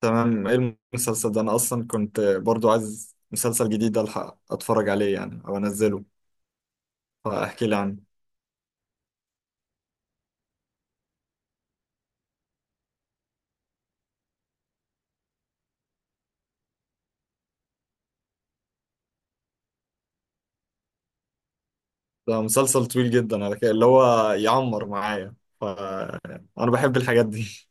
تمام، ايه المسلسل ده؟ انا اصلا كنت برضو عايز مسلسل جديد الحق اتفرج عليه يعني او انزله، فاحكي لي عنه. ده مسلسل طويل جدا على كده، اللي هو يعمر معايا. ف انا بحب الحاجات دي.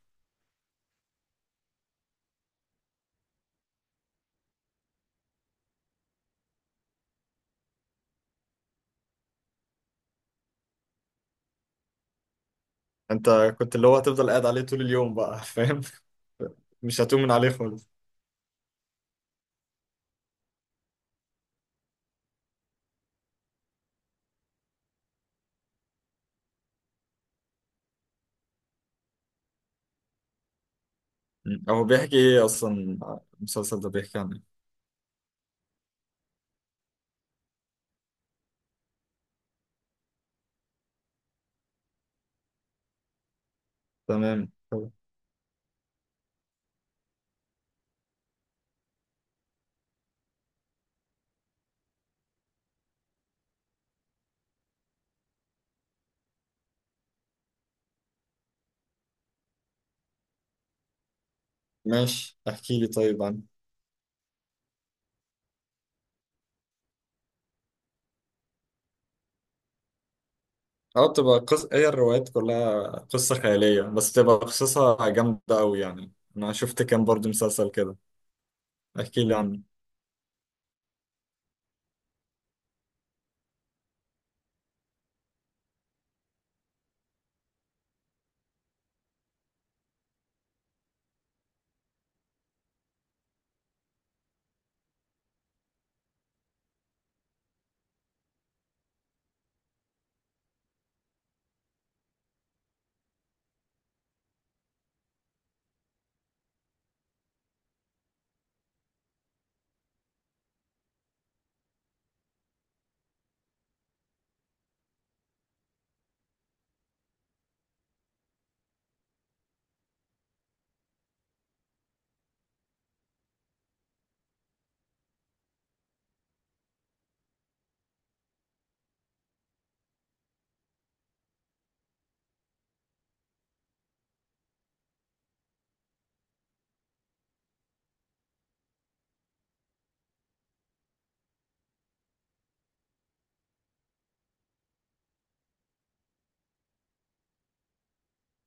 انت كنت اللي هو هتفضل قاعد عليه طول اليوم بقى، فاهم؟ مش هتؤمن عليه خالص. هو بيحكي ايه اصلا، المسلسل ده بيحكي عن ايه؟ تمام، طب ماشي، احكي لي طيب عنه. اه، بتبقى هي الروايات كلها قصة خيالية، بس بتبقى قصصها جامدة أوي، يعني أنا شفت كان برضه مسلسل كده. احكي لي عنه.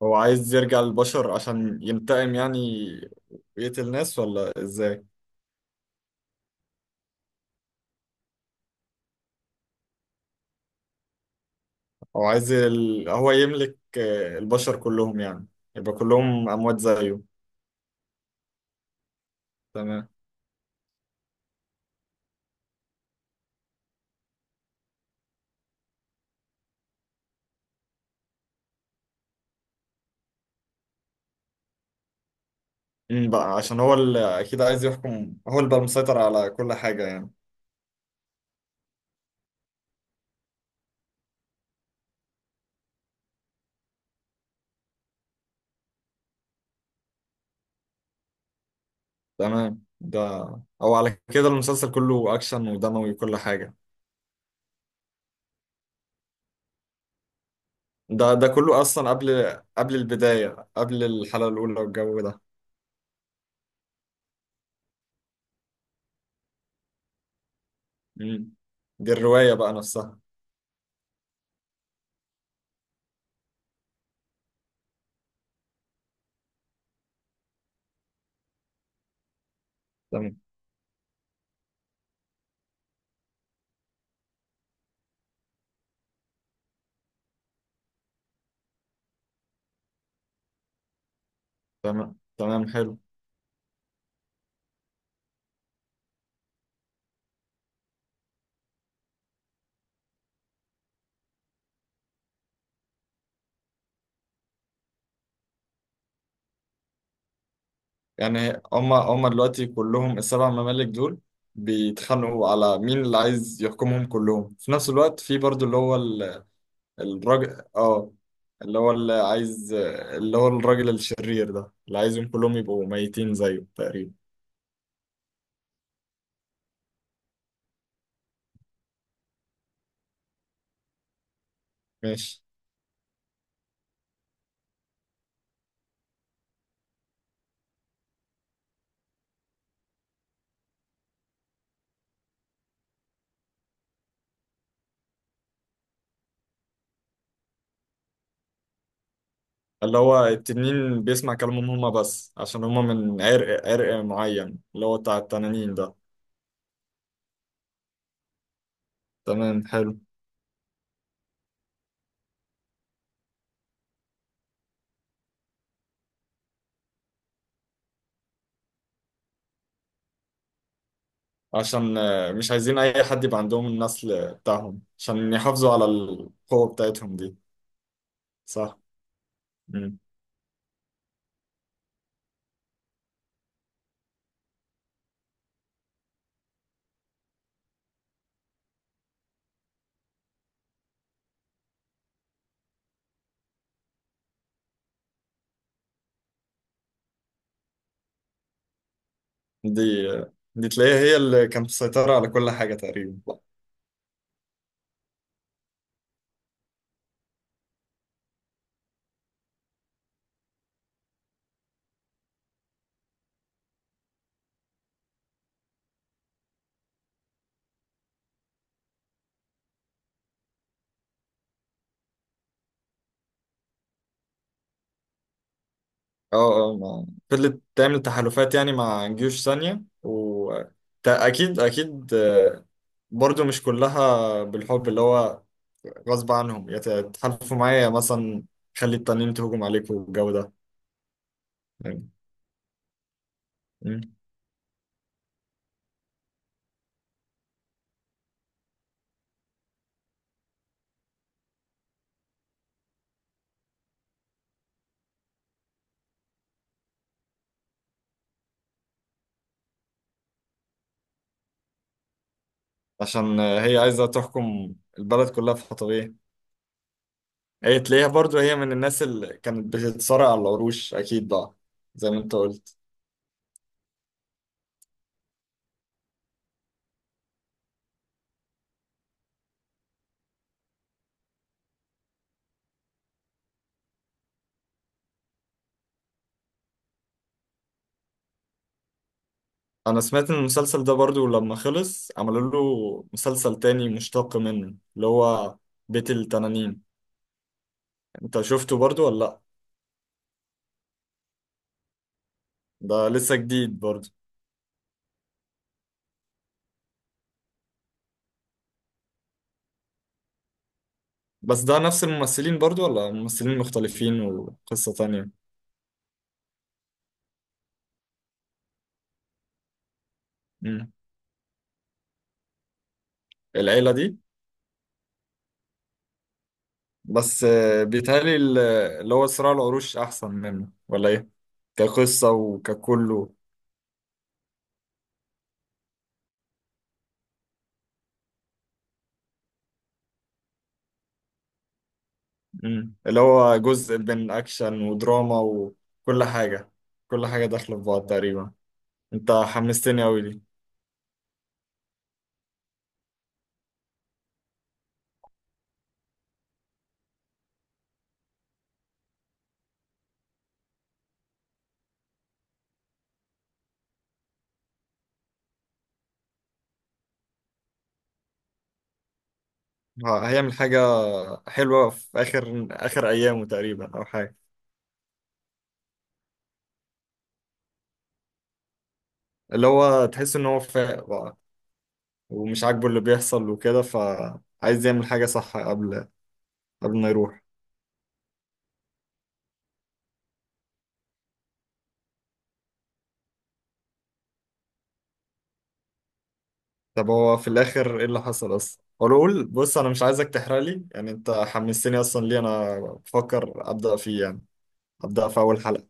هو عايز يرجع للبشر عشان ينتقم يعني، ويقتل ناس ولا إزاي؟ هو يملك البشر كلهم يعني، يبقى كلهم أموات زيه. تمام. بقى عشان هو اللي أكيد عايز يحكم، هو اللي بقى المسيطر على كل حاجة يعني. تمام. أو على كده المسلسل كله أكشن ودموي وكل حاجة؟ ده كله اصلا قبل البدايه، قبل الحلقه الاولى والجو ده؟ مم. دي الروايه بقى نفسها. تمام، تمام، تمام، حلو. يعني هما دلوقتي كلهم، السبع ممالك دول بيتخانقوا على مين اللي عايز يحكمهم كلهم في نفس الوقت، في برضو اللي هو الراجل، اللي هو اللي عايز، اللي هو الراجل الشرير ده اللي عايزهم كلهم يبقوا ميتين زيه تقريبا. ماشي. اللي هو التنين بيسمع كلامهم هما بس، عشان هما من عرق معين اللي هو بتاع التنانين ده. تمام، حلو. عشان مش عايزين أي حد يبقى عندهم النسل بتاعهم، عشان يحافظوا على القوة بتاعتهم دي. صح. مم. دي تلاقيها هي اللي كانت مسيطرة على كل حاجة تقريبا. اه، اه، ما فضلت تعمل تحالفات يعني مع جيوش ثانية و أكيد، أكيد، برضو مش كلها بالحب، اللي هو غصب عنهم، يا تحالفوا معايا يا مثلا خلي التانيين تهجم عليكم والجو ده يعني. مم. عشان هي عايزة تحكم البلد كلها في حطبيه. هي تلاقيها برضو هي من الناس اللي كانت بتتصارع على العروش أكيد بقى، زي ما أنت قلت. أنا سمعت إن المسلسل ده برضو لما خلص عملوا له مسلسل تاني مشتق منه، اللي هو بيت التنانين. أنت شفته برضو ولا لأ؟ ده لسه جديد برضو. بس ده نفس الممثلين برضو ولا ممثلين مختلفين وقصة تانية؟ مم. العيلة دي، بس بيتهيألي اللي هو صراع العروش أحسن منه ولا إيه؟ كقصة وككله. اللي هو جزء بين أكشن ودراما وكل حاجة. كل حاجة داخلة في بعض تقريبا. أنت حمستني أوي لي. هيعمل حاجة حلوة في آخر آخر أيامه تقريبا أو حاجة. اللي هو تحس إن هو فاق بقى، ومش عاجبه اللي بيحصل وكده، فعايز يعمل حاجة صح قبل ما يروح. طب هو في الاخر ايه اللي حصل اصلا؟ قول، بص انا مش عايزك تحرق لي يعني، انت حمستني اصلا، ليه انا بفكر ابدا فيه يعني، ابدا في اول حلقه.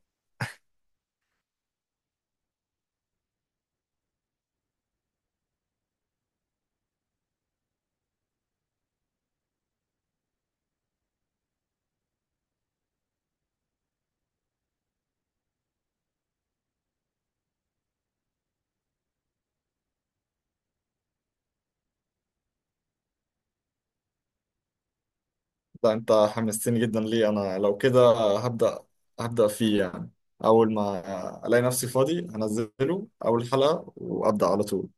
لا، انت حمستني جدا، ليه انا لو كده هبدا هبدا فيه يعني، اول ما الاقي نفسي فاضي هنزله اول حلقه وابدا على طول.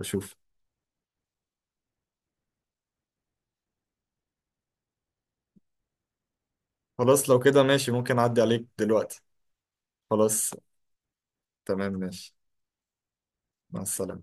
اشوف. خلاص، لو كده ماشي، ممكن اعدي عليك دلوقتي. خلاص، تمام، ماشي. مع السلامه.